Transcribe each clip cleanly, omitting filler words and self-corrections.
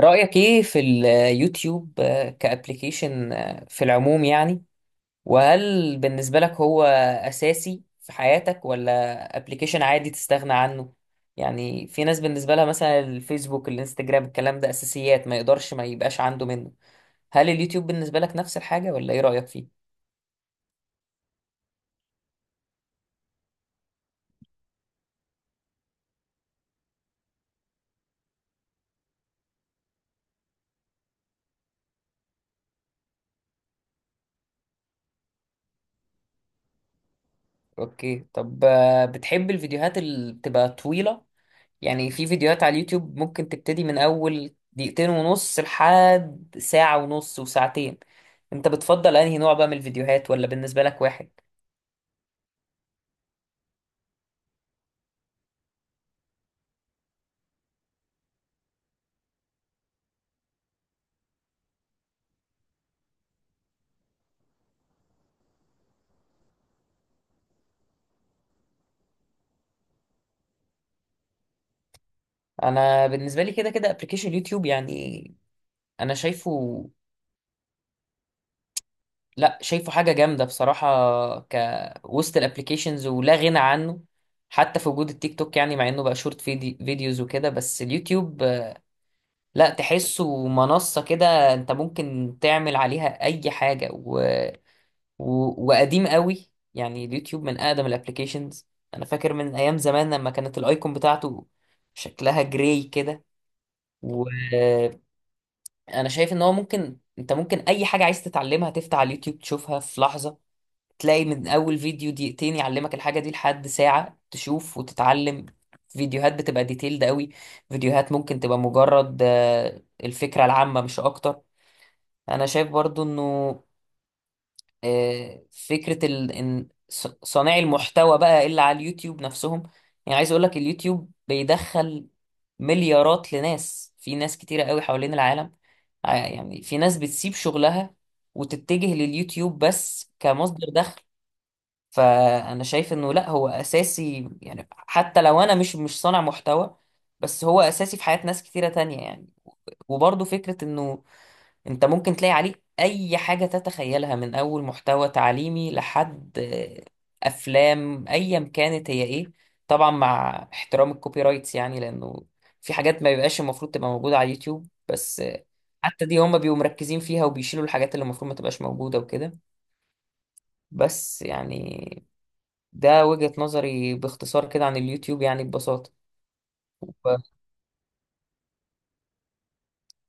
رأيك ايه في اليوتيوب كأبليكيشن في العموم يعني؟ وهل بالنسبة لك هو أساسي في حياتك ولا أبليكيشن عادي تستغنى عنه؟ يعني في ناس بالنسبة لها مثلا الفيسبوك الانستجرام الكلام ده أساسيات ما يقدرش ما يبقاش عنده منه. هل اليوتيوب بالنسبة لك نفس الحاجة ولا ايه رأيك فيه؟ اوكي. طب، بتحب الفيديوهات اللي بتبقى طويلة؟ يعني في فيديوهات على اليوتيوب ممكن تبتدي من اول دقيقتين ونص لحد ساعة ونص وساعتين. انت بتفضل انهي نوع بقى من الفيديوهات، ولا بالنسبة لك واحد؟ انا بالنسبة لي كده كده ابلكيشن يوتيوب يعني. انا شايفه، لا، شايفه حاجة جامدة بصراحة كوسط الابلكيشنز، ولا غنى عنه. حتى في وجود التيك توك، يعني مع انه بقى شورت فيديوز وكده، بس اليوتيوب لا، تحسه منصة كده انت ممكن تعمل عليها اي حاجة و... وقديم قوي يعني. اليوتيوب من اقدم الابليكيشنز. انا فاكر من ايام زمان لما كانت الايكون بتاعته شكلها جراي كده. وانا شايف ان هو ممكن انت ممكن اي حاجه عايز تتعلمها تفتح على اليوتيوب تشوفها في لحظه. تلاقي من اول فيديو دقيقتين يعلمك الحاجه دي لحد ساعه تشوف وتتعلم. فيديوهات بتبقى ديتيلد قوي. فيديوهات ممكن تبقى مجرد الفكره العامه مش اكتر. انا شايف برضو انه فكرة ال... إن صانعي المحتوى بقى اللي على اليوتيوب نفسهم، يعني عايز أقولك اليوتيوب بيدخل مليارات لناس. في ناس كتيرة قوي حوالين العالم، يعني في ناس بتسيب شغلها وتتجه لليوتيوب بس كمصدر دخل. فأنا شايف إنه لأ، هو أساسي، يعني حتى لو أنا مش صانع محتوى، بس هو أساسي في حياة ناس كتيرة تانية يعني. وبرضه فكرة إنه انت ممكن تلاقي عليه اي حاجة تتخيلها، من اول محتوى تعليمي لحد افلام ايا كانت هي ايه. طبعا مع احترام الكوبي رايتس يعني، لانه في حاجات ما بيبقاش المفروض تبقى موجودة على اليوتيوب، بس حتى دي هما بيبقوا مركزين فيها وبيشيلوا الحاجات اللي المفروض ما تبقاش موجودة وكده. بس يعني ده وجهة نظري باختصار كده عن اليوتيوب، يعني ببساطة.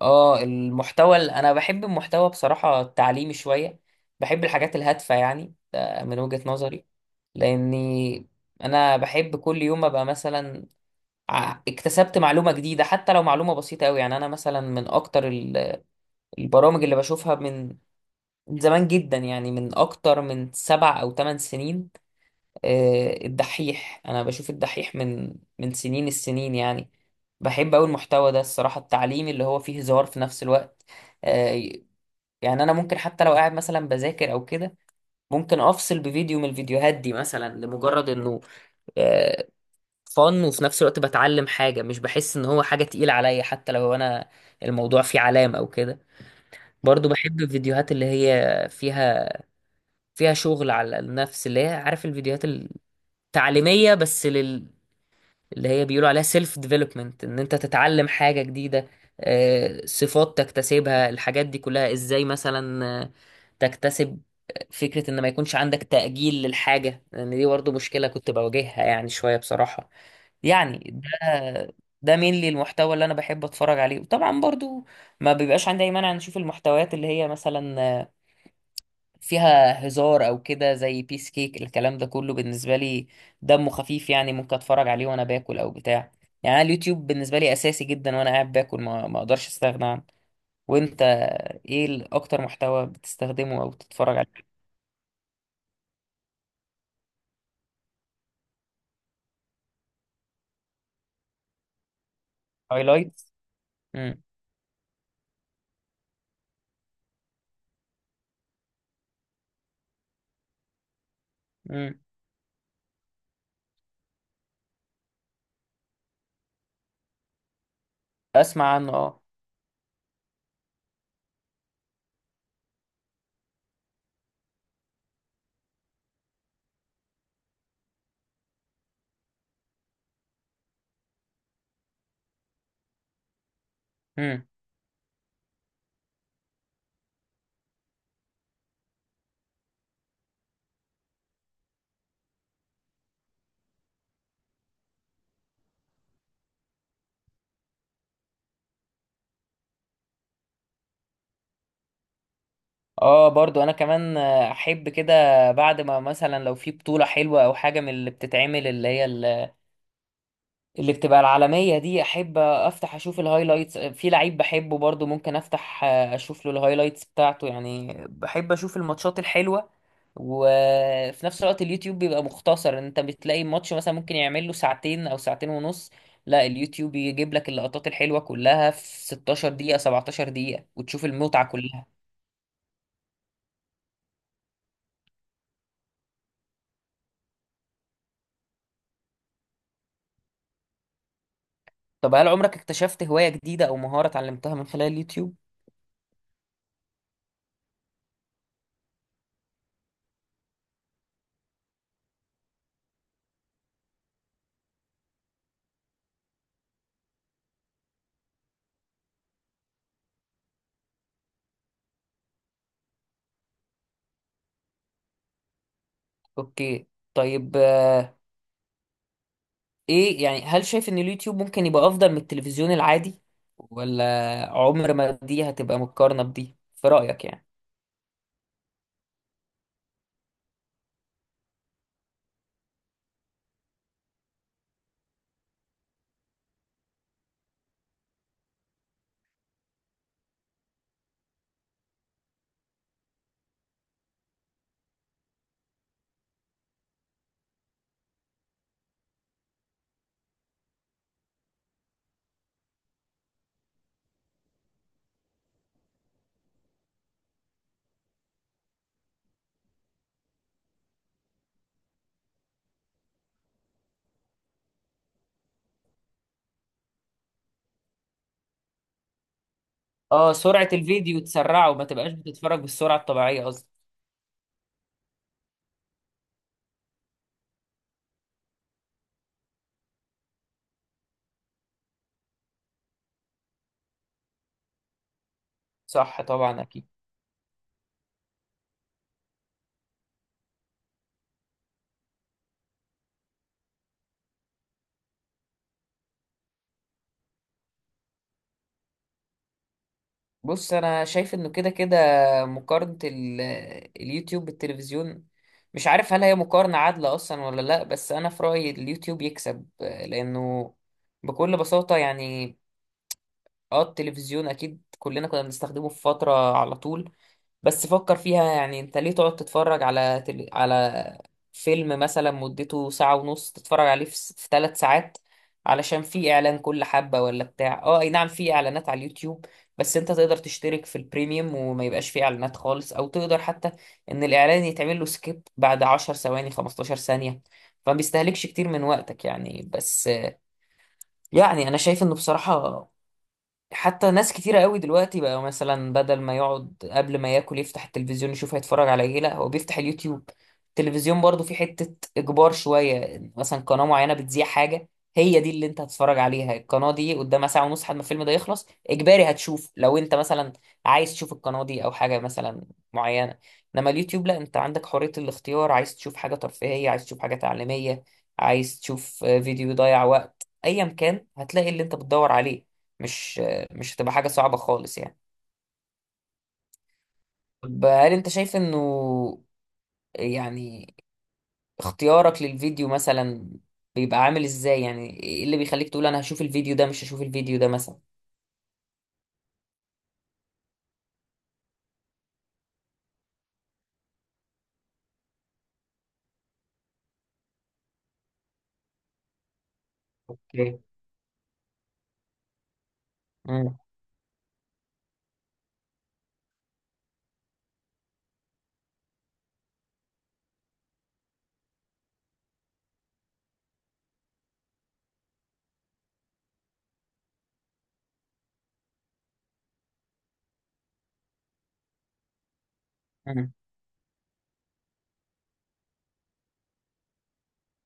اه، المحتوى انا بحب المحتوى بصراحة التعليمي شوية. بحب الحاجات الهادفة، يعني ده من وجهة نظري. لاني انا بحب كل يوم ابقى مثلا اكتسبت معلومة جديدة، حتى لو معلومة بسيطة قوي. يعني انا مثلا من اكتر البرامج اللي بشوفها من من زمان جدا، يعني من اكتر من سبع او ثمان سنين. الدحيح انا بشوف الدحيح من من سنين السنين يعني. بحب قوي المحتوى ده الصراحة التعليمي، اللي هو فيه هزار في نفس الوقت. آه، يعني انا ممكن حتى لو قاعد مثلا بذاكر او كده ممكن افصل بفيديو من الفيديوهات دي، مثلا لمجرد انه فن، وفي نفس الوقت بتعلم حاجة مش بحس ان هو حاجة تقيلة عليا حتى لو انا الموضوع فيه علام او كده. برضو بحب الفيديوهات اللي هي فيها فيها شغل على النفس، اللي هي عارف، الفيديوهات التعليمية، بس اللي هي بيقولوا عليها سيلف ديفلوبمنت، ان انت تتعلم حاجة جديدة، صفات تكتسبها، الحاجات دي كلها ازاي مثلا، تكتسب فكرة ان ما يكونش عندك تأجيل للحاجة، لان دي برضه مشكلة كنت بواجهها يعني شوية بصراحة يعني. ده ده مين لي المحتوى اللي انا بحب اتفرج عليه. وطبعا برضو ما بيبقاش عندي اي مانع نشوف المحتويات اللي هي مثلا فيها هزار او كده، زي بيس كيك. الكلام ده كله بالنسبه لي دمه خفيف، يعني ممكن اتفرج عليه وانا باكل او بتاع. يعني أنا اليوتيوب بالنسبه لي اساسي جدا، وانا قاعد باكل ما اقدرش استغنى عنه. وانت ايه اكتر محتوى بتستخدمه او بتتفرج عليه؟ هايلايتس. امم. امم. اسمع عنه، اه. امم. اه، برضو انا كمان احب كده. بعد ما مثلا لو في بطوله حلوه او حاجه من اللي بتتعمل، اللي هي اللي بتبقى العالمية دي، أحب أفتح أشوف الهايلايتس في لعيب بحبه. برضو ممكن أفتح أشوف له الهايلايتس بتاعته يعني. بحب أشوف الماتشات الحلوة. وفي نفس الوقت اليوتيوب بيبقى مختصر، أنت بتلاقي ماتش مثلا ممكن يعمل له ساعتين أو ساعتين ونص، لا، اليوتيوب يجيب لك اللقطات الحلوة كلها في 16 دقيقة 17 دقيقة وتشوف المتعة كلها. طب هل عمرك اكتشفت هواية جديدة أو مهارة اتعلمتها من خلال اليوتيوب؟ أوكي. طيب، ايه يعني، هل شايف ان اليوتيوب ممكن يبقى افضل من التلفزيون العادي، ولا عمر ما دي هتبقى مقارنة بدي في رأيك يعني؟ اه، سرعة الفيديو تسرعه وما تبقاش بتتفرج بالسرعة الطبيعية قصدي. صح طبعا، اكيد. بص انا شايف انه كده كده مقارنة اليوتيوب بالتلفزيون، مش عارف هل هي مقارنة عادلة اصلا ولا لا، بس انا في رأيي اليوتيوب يكسب، لانه بكل بساطة يعني. اه، التلفزيون اكيد كلنا كنا بنستخدمه في فترة على طول. بس فكر فيها، يعني انت ليه تقعد تتفرج على على فيلم مثلا مدته ساعة ونص، تتفرج عليه في ثلاث ساعات، علشان في اعلان كل حبة ولا بتاع؟ اه اي نعم، في اعلانات على اليوتيوب، بس انت تقدر تشترك في البريميوم وما يبقاش في اعلانات خالص، او تقدر حتى ان الاعلان يتعمل له سكيب بعد 10 ثواني 15 ثانية، فما بيستهلكش كتير من وقتك يعني. بس يعني انا شايف انه بصراحة حتى ناس كتيرة قوي دلوقتي بقى مثلا بدل ما يقعد قبل ما ياكل يفتح التلفزيون يشوف هيتفرج على ايه، لا، هو بيفتح اليوتيوب. التلفزيون برضو في حتة اجبار شوية، مثلا قناة معينة بتذيع حاجة، هي دي اللي انت هتتفرج عليها. القناة دي قدامها ساعة ونص لحد ما الفيلم ده يخلص اجباري هتشوف، لو انت مثلا عايز تشوف القناة دي او حاجة مثلا معينة. انما اليوتيوب لا، انت عندك حرية الاختيار، عايز تشوف حاجة ترفيهية، عايز تشوف حاجة تعليمية، عايز تشوف فيديو يضيع وقت ايا كان، هتلاقي اللي انت بتدور عليه. مش مش هتبقى حاجة صعبة خالص يعني. طب هل انت شايف انه يعني اختيارك للفيديو مثلا بيبقى عامل ازاي، يعني ايه اللي بيخليك تقول انا هشوف الفيديو ده مش هشوف الفيديو ده مثلا؟ اوكي. مم.